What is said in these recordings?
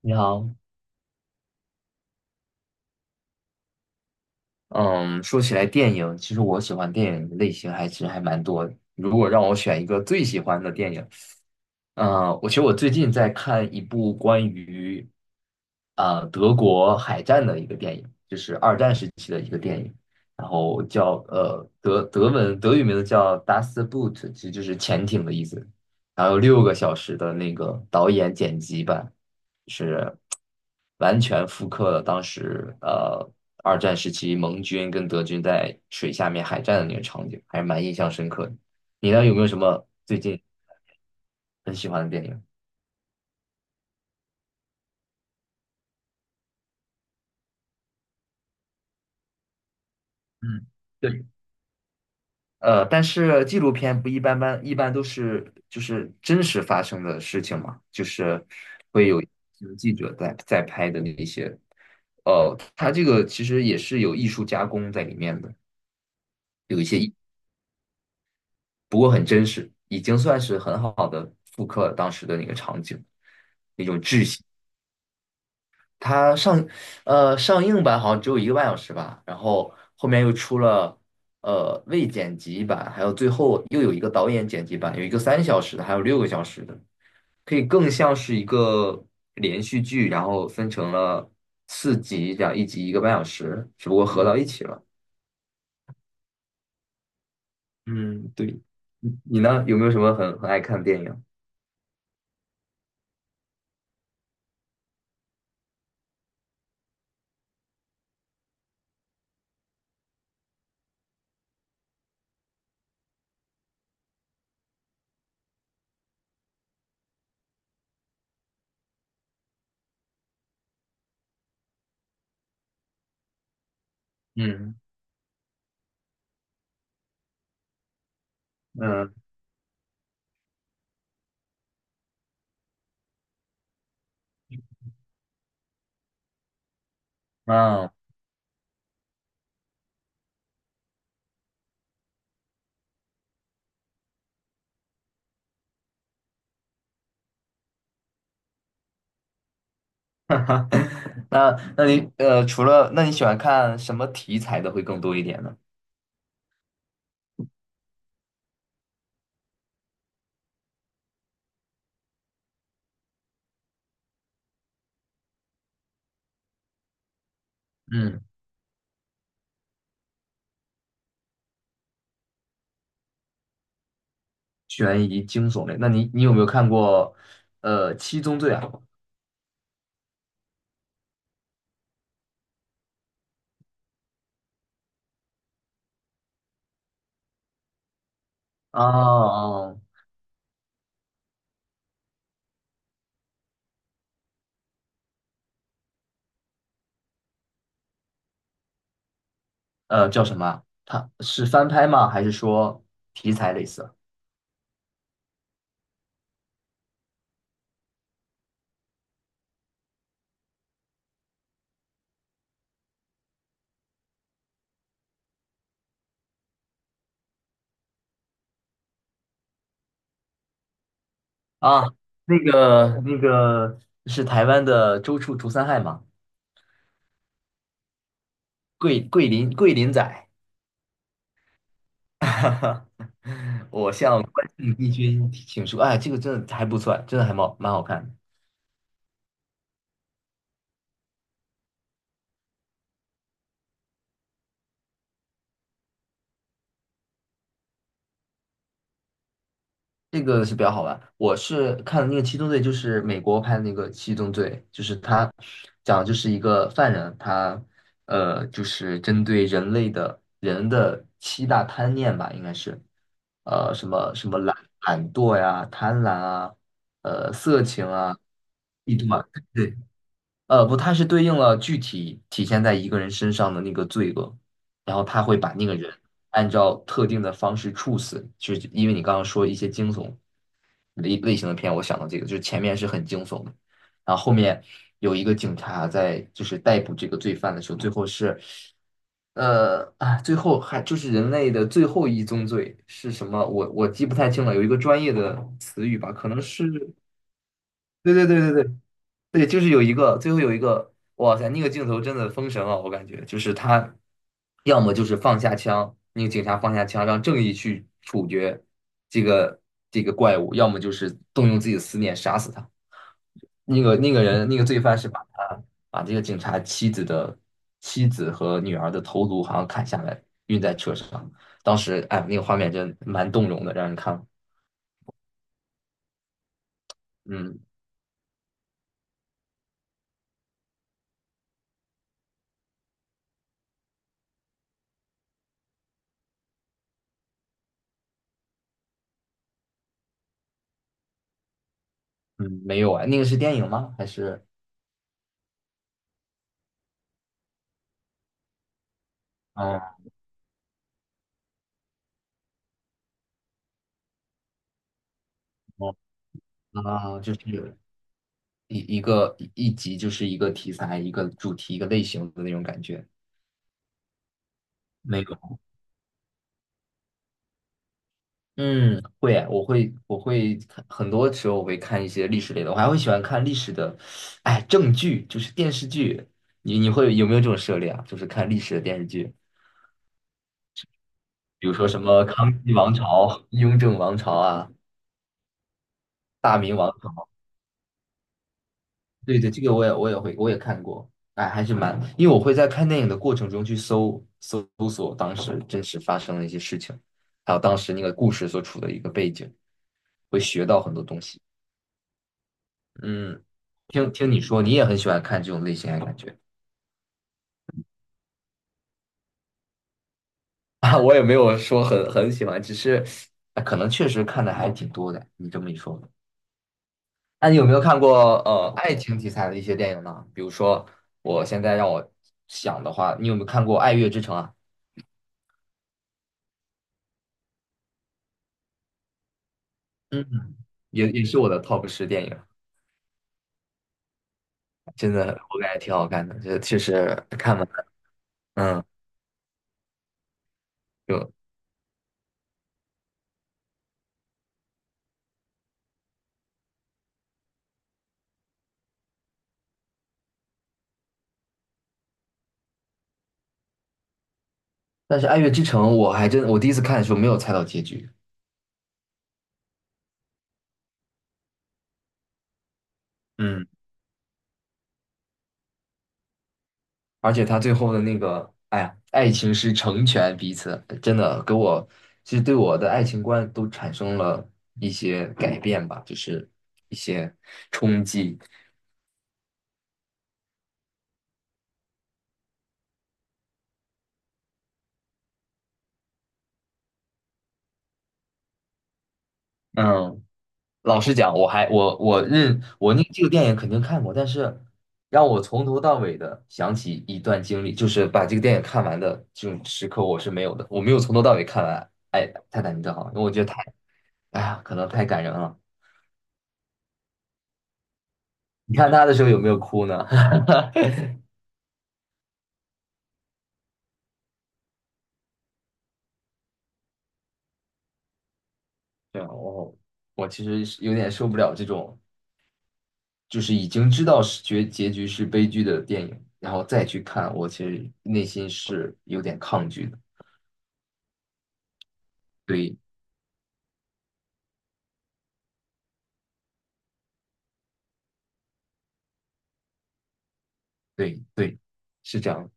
你好。嗯，说起来电影，其实我喜欢电影的类型还蛮多的。如果让我选一个最喜欢的电影，我其实最近在看一部关于德国海战的一个电影，就是二战时期的一个电影，然后叫德语名字叫《d u s t Boot》，其实就是潜艇的意思。然后有六个小时的那个导演剪辑版。是。完全复刻了当时二战时期盟军跟德军在水下面海战的那个场景，还是蛮印象深刻的。你呢，有没有什么最近很喜欢的电影？嗯，对，但是纪录片不一般般，一般都是就是真实发生的事情嘛，就是会有记者在拍的那一些，哦，它这个其实也是有艺术加工在里面的，不过很真实，已经算是很好的复刻了当时的那个场景。它上映版好像只有一个半小时吧，然后后面又出了未剪辑版，还有最后又有一个导演剪辑版，有一个3小时的，还有六个小时的，可以更像是一个连续剧，然后分成了4集，这样一集一个半小时，只不过合到一起了。嗯，对，你呢？有没有什么很爱看的电影？嗯嗯啊，哈哈，那你喜欢看什么题材的会更多一点呢？嗯，悬疑惊悚类。那你有没有看过《七宗罪》啊？哦，叫什么啊？它是翻拍吗？还是说题材类似啊？那个是台湾的周处除三害吗？桂林仔，哈哈。我帝君请说，哎，这个真的还不错，真的还蛮好看的。这个是比较好玩。我是看了那个《七宗罪》，就是美国拍的那个《七宗罪》，就是他讲的就是一个犯人，他就是针对人类的人的七大贪念吧，应该是什么什么懒惰呀、贪婪啊、色情啊、嫉妒啊，对不，它是对应了具体体现在一个人身上的那个罪恶，然后他会把那个人按照特定的方式处死，就是因为你刚刚说一些惊悚类型的片，我想到这个，就是前面是很惊悚的，然后后面有一个警察在就是逮捕这个罪犯的时候，最后是，最后还就是人类的最后一宗罪是什么？我记不太清了，有一个专业的词语吧，可能是。对对对对对对，就是有一个，最后有一个，哇塞，那个镜头真的封神了，我感觉就是他，要么就是放下枪，那个警察放下枪，让正义去处决这个这个怪物，要么就是动用自己的思念杀死他。那个人，那个罪犯是把他把这个警察妻子和女儿的头颅好像砍下来，运在车上。当时，哎，那个画面真蛮动容的，让人看了。嗯嗯，没有啊，那个是电影吗？还是？哦。啊，就是一个一集就是一个题材、一个主题、一个类型的那种感觉。没有，嗯，会啊，我会，我会看很多时候我会看一些历史类的，我还会喜欢看历史的，哎，正剧，就是电视剧。你会有没有这种涉猎啊？就是看历史的电视剧，比如说什么《康熙王朝》《雍正王朝》啊，《大明王朝》对对，这个我也看过，哎，还是蛮，因为我会在看电影的过程中去搜索当时真实发生的一些事情，还有当时那个故事所处的一个背景，会学到很多东西。嗯，听听你说，你也很喜欢看这种类型的感觉。 啊，我也没有说很喜欢，只是啊可能确实看的还挺多的。你这么一说，那你有没有看过爱情题材的一些电影呢？比如说，我现在让我想的话，你有没有看过《爱乐之城》啊？嗯。也是我的 top 10电影，真的我感觉挺好看的，这确实看完了，嗯，就但是《爱乐之城》我还真我第一次看的时候没有猜到结局，嗯，而且他最后的那个，哎呀，爱情是成全彼此，真的给我其实对我的爱情观都产生了一些改变吧，就是一些冲击，嗯，老实讲，我还我我认我那这个电影肯定看过，但是让我从头到尾的想起一段经历，就是把这个电影看完的这种时刻，我是没有的，我没有从头到尾看完《哎泰坦尼克号》，因为我觉得太，哎呀，可能太感人了。你看他的时候有没有哭呢？对啊，我其实是有点受不了这种，就是已经知道是结局是悲剧的电影，然后再去看，我其实内心是有点抗拒的。对对对，是这样。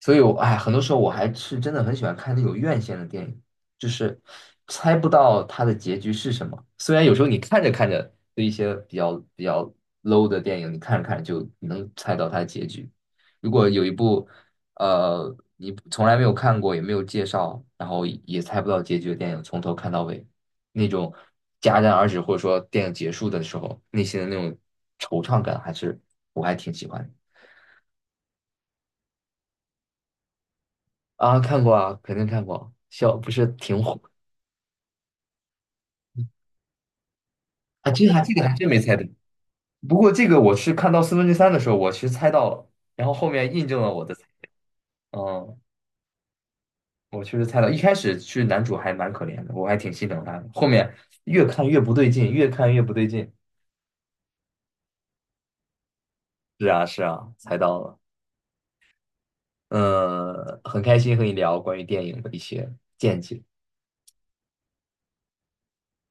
所以我，哎，很多时候我还是真的很喜欢看那种院线的电影，就是猜不到它的结局是什么。虽然有时候你看着看着，对一些比较 low 的电影，你看着看着就能猜到它的结局。如果有一部你从来没有看过，也没有介绍，然后也猜不到结局的电影，从头看到尾，那种戛然而止或者说电影结束的时候，内心的那种惆怅感，还是我还挺喜欢的。啊，看过啊，肯定看过，笑不是挺火啊？这还这个还真没猜对，不过这个我是看到《四分之三》的时候，我其实猜到了，然后后面印证了我的猜，嗯，我确实猜到，一开始是男主还蛮可怜的，我还挺心疼他的，后面越看越不对劲，越看越不对劲，是啊是啊，猜到了，嗯，很开心和你聊关于电影的一些见解。